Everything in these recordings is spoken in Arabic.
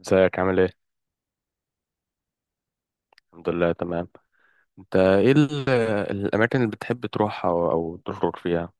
ازيك عامل ايه؟ الحمد لله تمام. انت ايه الاماكن اللي بتحب تروحها او تخرج فيها؟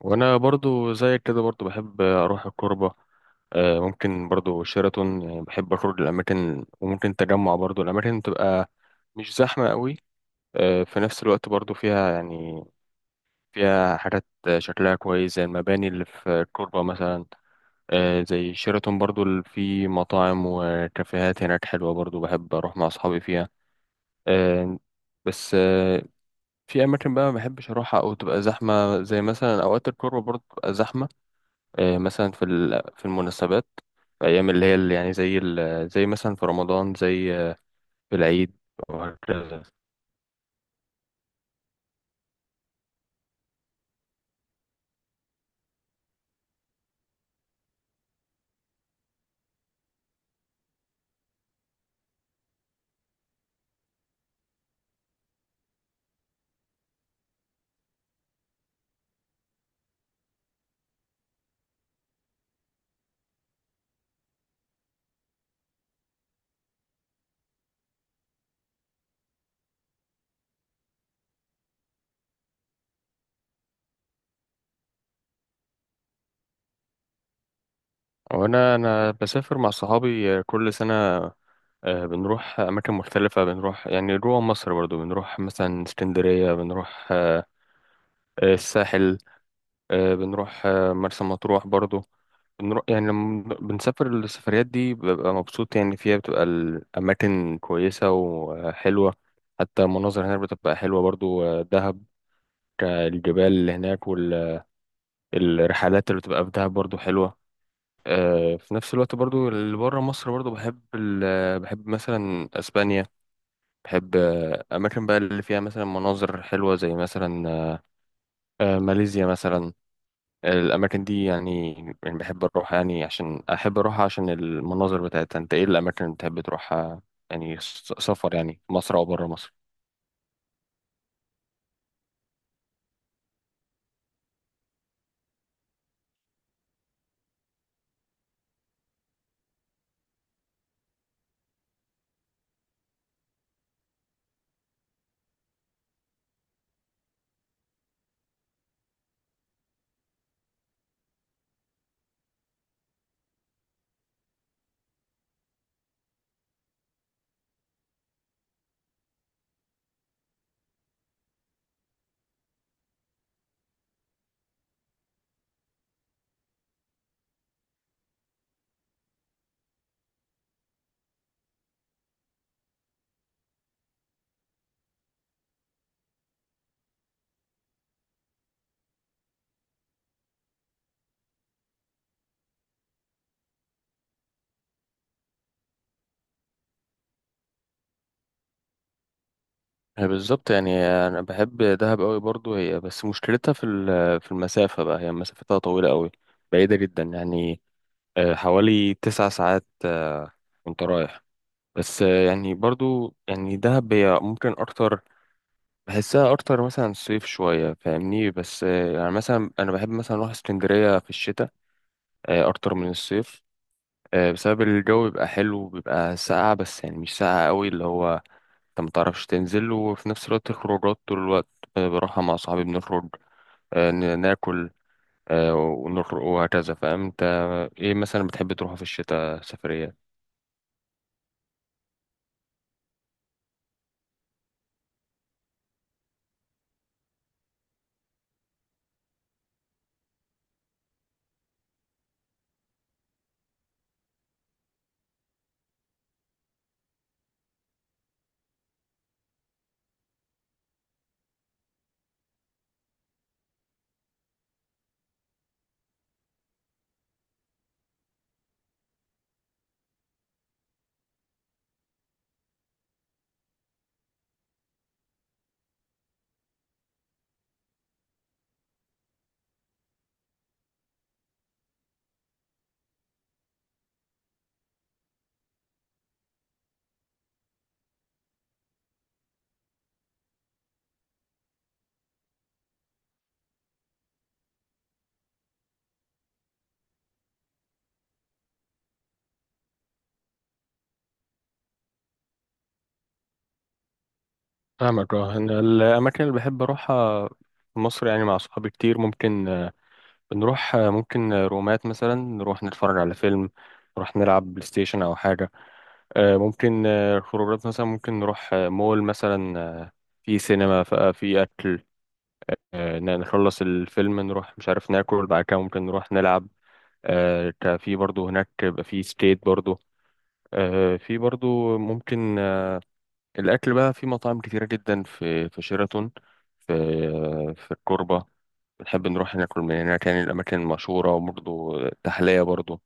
وانا برضو زيك كده برضو بحب اروح الكوربة. ممكن برضو شيراتون، يعني بحب اخرج الاماكن، وممكن تجمع برضو الاماكن، بتبقى مش زحمة قوي. في نفس الوقت برضو فيها يعني فيها حاجات شكلها كويس، زي المباني اللي في الكوربة مثلا. زي شيراتون برضو، اللي فيه مطاعم وكافيهات هناك حلوة، برضو بحب اروح مع اصحابي فيها. آه، بس آه، في اماكن بقى ما بحبش اروحها او تبقى زحمه، زي مثلا اوقات القرى برضه بتبقى زحمه. مثلا في المناسبات، في ايام اللي هي اللي يعني زي مثلا في رمضان، زي في العيد، وهكذا. وانا بسافر مع صحابي كل سنه. بنروح اماكن مختلفه، بنروح يعني جوه مصر برضه، بنروح مثلا اسكندريه، بنروح الساحل. بنروح مرسى مطروح برضو. بنروح يعني لما بنسافر السفريات دي ببقى مبسوط يعني فيها، بتبقى الأماكن كويسة وحلوة. حتى المناظر هناك بتبقى حلوة برضو. دهب، الجبال اللي هناك، والرحلات اللي بتبقى في دهب برضو حلوة. في نفس الوقت برضو اللي بره مصر برضو بحب بحب مثلا أسبانيا. بحب أماكن بقى اللي فيها مثلا مناظر حلوة، زي مثلا ماليزيا مثلا. الأماكن دي يعني، يعني بحب أروح يعني عشان أحب أروح عشان المناظر بتاعتها. أنت إيه الأماكن اللي بتحب تروحها يعني سفر، يعني في مصر أو برا مصر؟ هي بالظبط يعني أنا بحب دهب أوي برضو، هي بس مشكلتها في المسافة بقى، هي مسافتها طويلة أوي، بعيدة جدا يعني. حوالي تسع ساعات وأنت رايح. بس آه، يعني برضو يعني دهب هي ممكن أكتر بحسها أكتر مثلا صيف شوية، فاهمني؟ بس آه، يعني مثلا أنا بحب مثلا أروح اسكندرية في الشتاء اكتر من الصيف. بسبب الجو بيبقى حلو، بيبقى ساقع بس يعني مش ساقع قوي، اللي هو انت متعرفش تنزل، وفي نفس الوقت الخروجات طول الوقت. بروحها مع صحابي، بنخرج ناكل ونخرج وهكذا، فاهم انت. ايه مثلا بتحب تروحها في الشتاء سفرية؟ فاهمك. اه، انا الاماكن اللي بحب اروحها في مصر يعني مع صحابي كتير، ممكن بنروح آه، ممكن آه، رومات مثلا، نروح نتفرج على فيلم، نروح نلعب بلاي ستيشن او حاجه. آه، ممكن آه، خروجات مثلا، ممكن نروح مول مثلا، في سينما، في أكل. نخلص الفيلم، نروح مش عارف ناكل بعد كده، ممكن نروح نلعب. في برضو هناك بيبقى في سكيت برضو. آه، في برضو ممكن آه، الأكل بقى في مطاعم كتيرة جدا، في شيراتون، في في الكوربة، بنحب نروح ناكل من هناك، يعني الأماكن المشهورة، وبرضو تحلية برضو.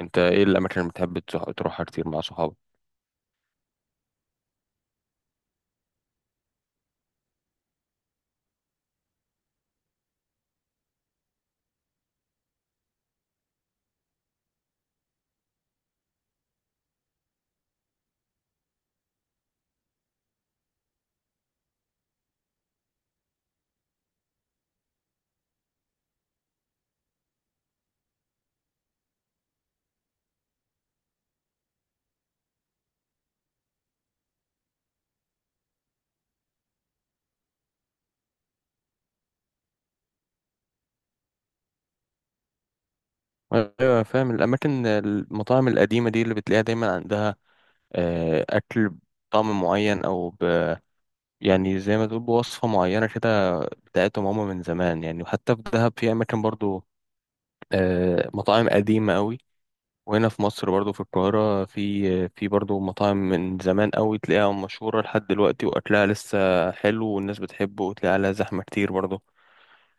أنت إيه الأماكن اللي بتحب تروحها كتير مع صحابك؟ ايوه، فاهم. الاماكن المطاعم القديمه دي اللي بتلاقيها دايما عندها اكل بطعم معين او ب، يعني زي ما تقول بوصفه معينه كده بتاعتهم هما من زمان يعني. وحتى في دهب في اماكن برضو مطاعم قديمه قوي. وهنا في مصر برضو في القاهره، في برضو مطاعم من زمان قوي تلاقيها مشهوره لحد دلوقتي، واكلها لسه حلو والناس بتحبه، وتلاقي عليها زحمه كتير برضو.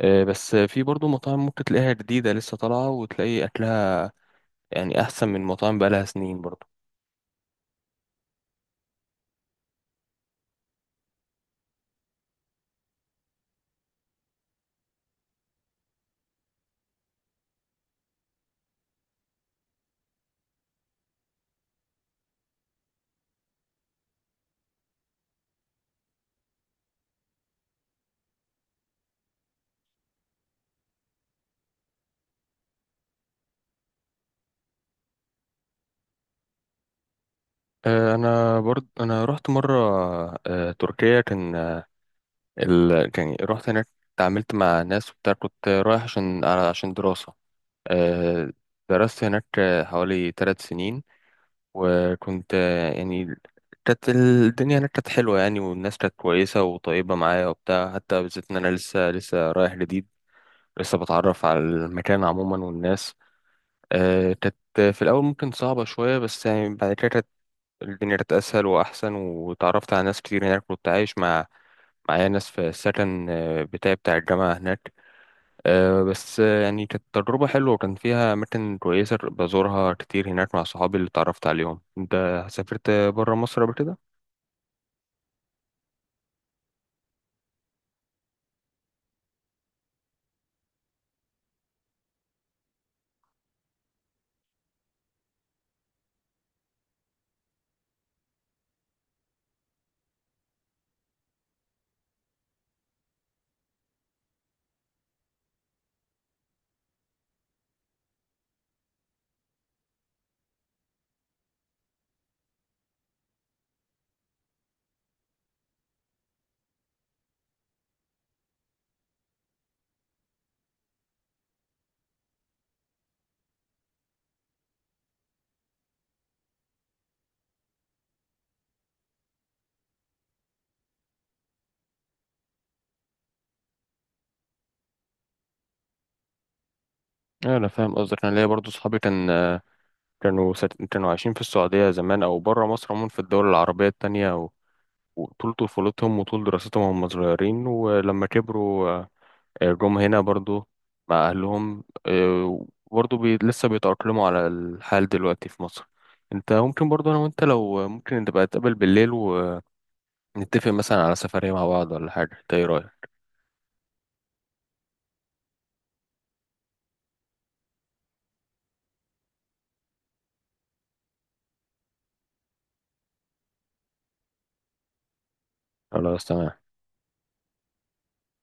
بس في برضو مطاعم ممكن تلاقيها جديده لسه طالعه، وتلاقي اكلها يعني احسن من مطاعم بقالها سنين برضو. انا برضو رحت مره تركيا. كان رحت هناك، اتعاملت مع ناس وبتاع، كنت رايح عشان دراسه. آه، درست هناك حوالي ثلاث سنين. وكنت يعني كانت الدنيا هناك كانت حلوه يعني، والناس كانت كويسه وطيبه معايا وبتاع، حتى بالذات ان انا لسه رايح جديد، لسه بتعرف على المكان عموما والناس. كانت في الأول ممكن صعبة شوية، بس يعني بعد كده الدنيا كانت أسهل وأحسن، وتعرفت على ناس كتير هناك. كنت عايش معايا ناس في السكن بتاعي بتاع الجامعة هناك. آه، بس آه، يعني كانت تجربة حلوة، وكان فيها أماكن كويسة بزورها كتير هناك مع صحابي اللي اتعرفت عليهم. أنت سافرت برا مصر قبل كده؟ أيوة، أنا فاهم قصدك. أنا ليا برضو صحابي كان كانوا عايشين في السعودية زمان، أو برا مصر عموما في الدول العربية التانية، وطول طفولتهم وطول دراستهم وهم صغيرين، ولما كبروا جم هنا برضو مع أهلهم. برضو بي لسه بيتأقلموا على الحال دلوقتي في مصر. انت ممكن برضو، انا وانت لو ممكن نبقى نتقابل بالليل ونتفق مثلا على سفرية مع بعض ولا حاجة، انت ايه رأيك؟ خلاص تمام.